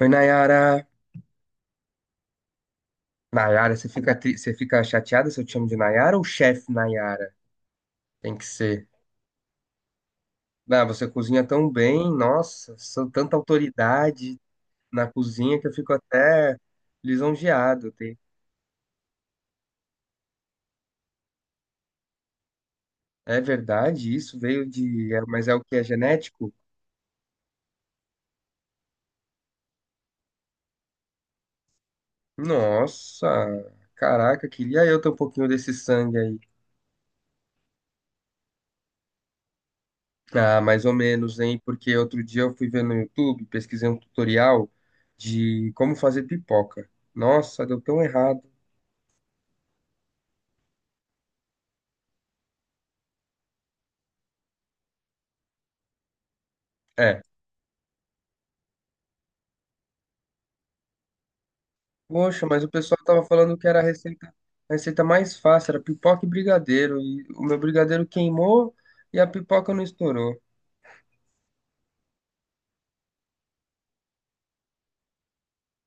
Oi, Nayara. Nayara, você fica chateada se eu te chamo de Nayara ou chefe Nayara? Tem que ser. Ah, você cozinha tão bem, nossa, sou tanta autoridade na cozinha que eu fico até lisonjeado. É verdade, isso veio de. Mas é o que é genético? Nossa, caraca, queria eu ter um pouquinho desse sangue aí. Ah, mais ou menos, hein? Porque outro dia eu fui ver no YouTube, pesquisei um tutorial de como fazer pipoca. Nossa, deu tão errado. É. Poxa, mas o pessoal tava falando que era a receita mais fácil, era pipoca e brigadeiro. E o meu brigadeiro queimou e a pipoca não estourou.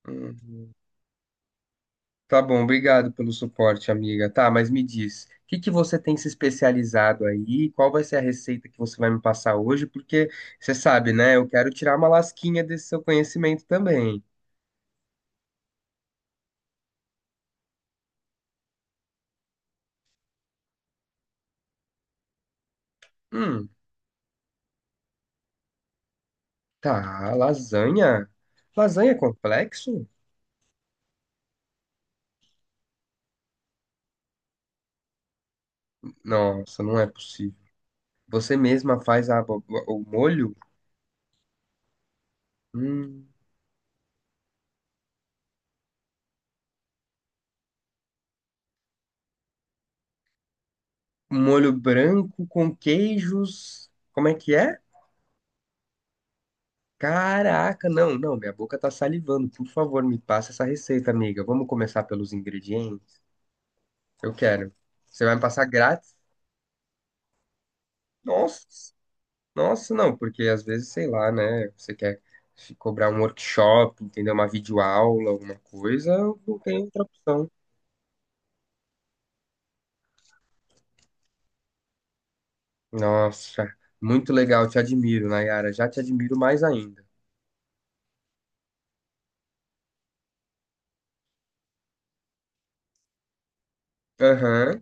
Uhum. Tá bom, obrigado pelo suporte, amiga. Tá, mas me diz, o que que você tem se especializado aí? Qual vai ser a receita que você vai me passar hoje? Porque você sabe, né? Eu quero tirar uma lasquinha desse seu conhecimento também. Hum, tá, lasanha? Lasanha é complexo? Nossa, não é possível. Você mesma faz a o molho? Hum, um molho branco com queijos. Como é que é? Caraca, não, não, minha boca tá salivando. Por favor, me passa essa receita, amiga. Vamos começar pelos ingredientes? Eu quero. Você vai me passar grátis? Nossa, nossa, não, porque às vezes, sei lá, né? Você quer se cobrar um workshop, entendeu? Uma videoaula, alguma coisa, não tem outra opção. Nossa, muito legal, te admiro, Nayara. Já te admiro mais ainda. Aham.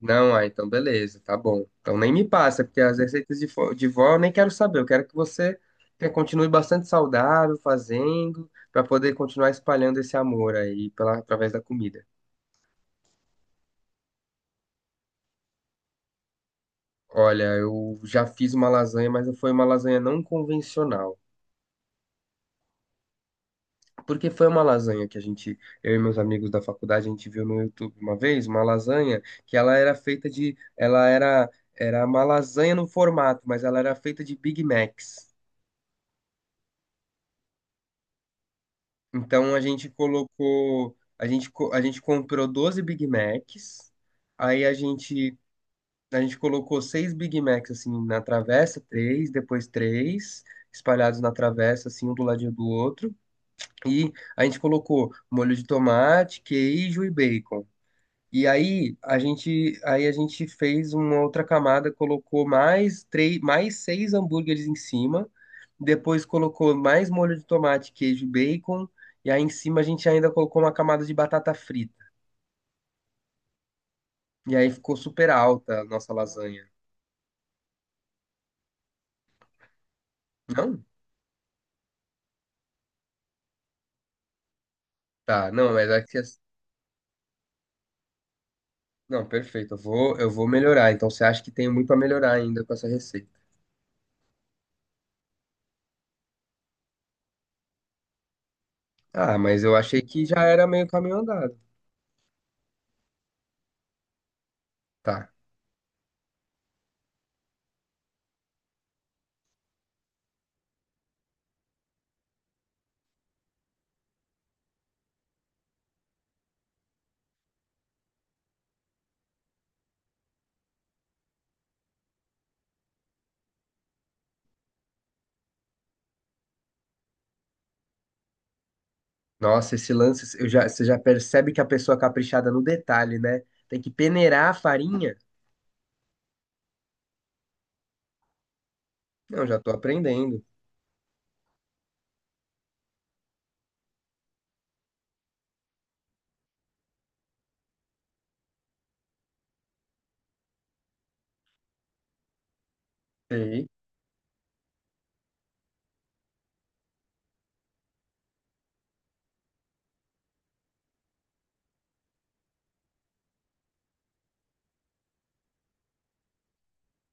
Não, ah, então beleza, tá bom. Então nem me passa, porque as receitas de vó eu nem quero saber. Eu quero que você continue bastante saudável, fazendo, para poder continuar espalhando esse amor aí através da comida. Olha, eu já fiz uma lasanha, mas foi uma lasanha não convencional. Porque foi uma lasanha que a gente, eu e meus amigos da faculdade, a gente viu no YouTube uma vez, uma lasanha que ela era feita era uma lasanha no formato, mas ela era feita de Big Macs. Então a gente comprou 12 Big Macs, aí a gente colocou seis Big Macs assim na travessa, três, depois três, espalhados na travessa, assim, um do ladinho do outro. E a gente colocou molho de tomate, queijo e bacon. E aí a gente fez uma outra camada, colocou mais três, mais seis hambúrgueres em cima, depois colocou mais molho de tomate, queijo, e bacon, e aí em cima a gente ainda colocou uma camada de batata frita. E aí ficou super alta a nossa lasanha. Não? Tá, não, mas é que não, perfeito. Eu vou melhorar. Então você acha que tem muito a melhorar ainda com essa receita? Ah, mas eu achei que já era meio caminho andado. Tá. Nossa, esse lance, você já percebe que a pessoa é caprichada no detalhe, né? Tem que peneirar a farinha. Não, já tô aprendendo. Sei.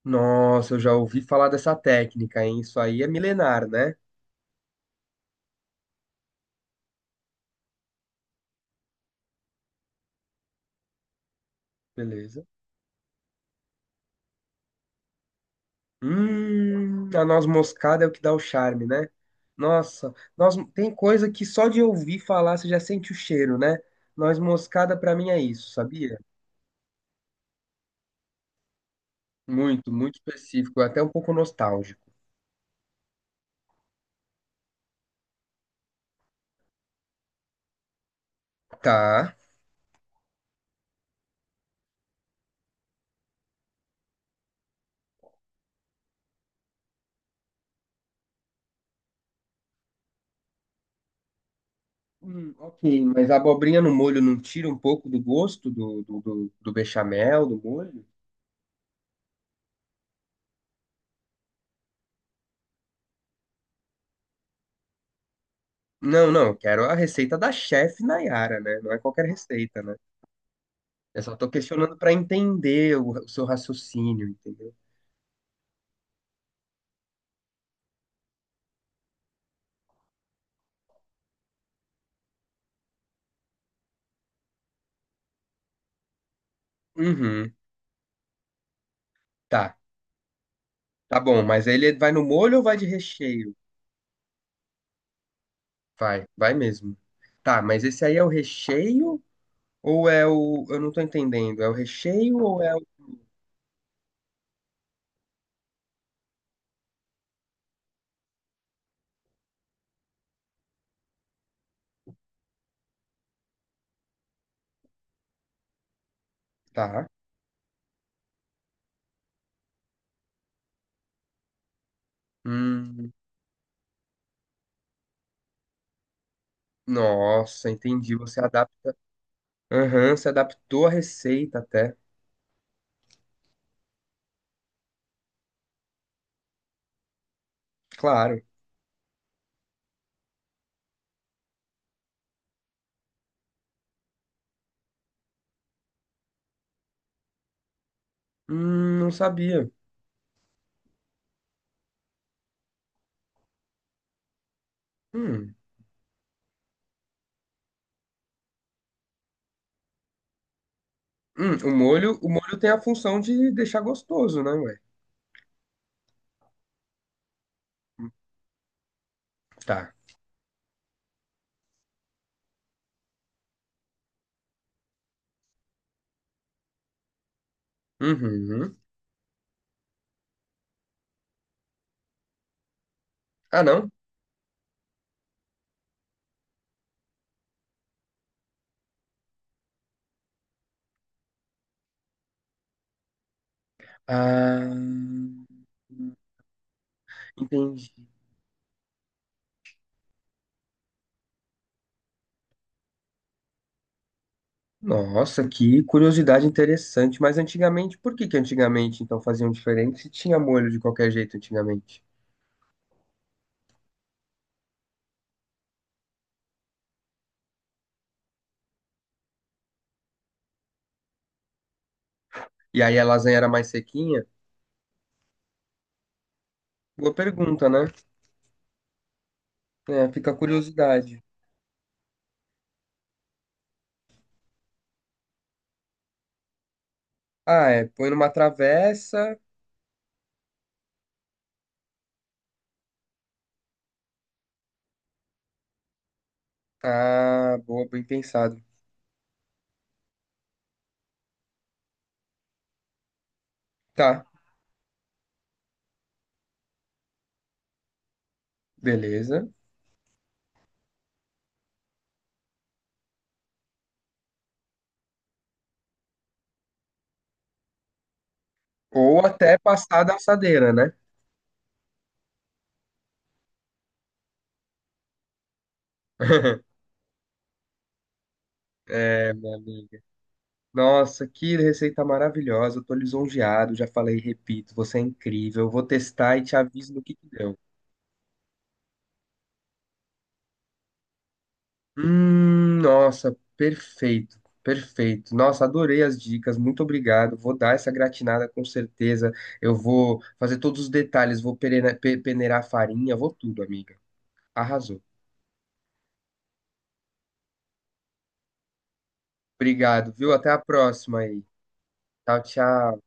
Nossa, eu já ouvi falar dessa técnica, hein? Isso aí é milenar, né? Beleza. A noz moscada é o que dá o charme, né? Nossa, tem coisa que só de ouvir falar você já sente o cheiro, né? Noz moscada pra mim é isso, sabia? Muito, muito específico, até um pouco nostálgico. Tá. Ok, mas a abobrinha no molho não tira um pouco do gosto do bechamel, do molho? Não, não, eu quero a receita da chefe Nayara, né? Não é qualquer receita, né? Eu só tô questionando pra entender o seu raciocínio, entendeu? Uhum, tá, tá bom, mas aí ele vai no molho ou vai de recheio? Vai, vai mesmo. Tá, mas esse aí é o recheio ou é o... Eu não tô entendendo, é o recheio ou é o... Tá, hum, nossa, entendi, você adapta. Aham, se adaptou à receita até. Claro. Não sabia. Hum. O molho tem a função de deixar gostoso, né, ué? Tá. Uhum. Ah, não? Ah, entendi. Nossa, que curiosidade interessante. Mas antigamente, por que que antigamente então faziam diferente se tinha molho de qualquer jeito antigamente? E aí a lasanha era mais sequinha? Boa pergunta, né? É, fica a curiosidade. Ah, é, põe numa travessa. Ah, boa, bem pensado. Tá, beleza. Ou até passar da assadeira, né? É, minha amiga. Nossa, que receita maravilhosa. Eu tô lisonjeado, já falei, e repito, você é incrível. Eu vou testar e te aviso no que deu. Nossa, perfeito, perfeito. Nossa, adorei as dicas, muito obrigado. Vou dar essa gratinada com certeza. Eu vou fazer todos os detalhes, vou peneirar a farinha, vou tudo, amiga. Arrasou. Obrigado, viu? Até a próxima aí. Tchau, tchau.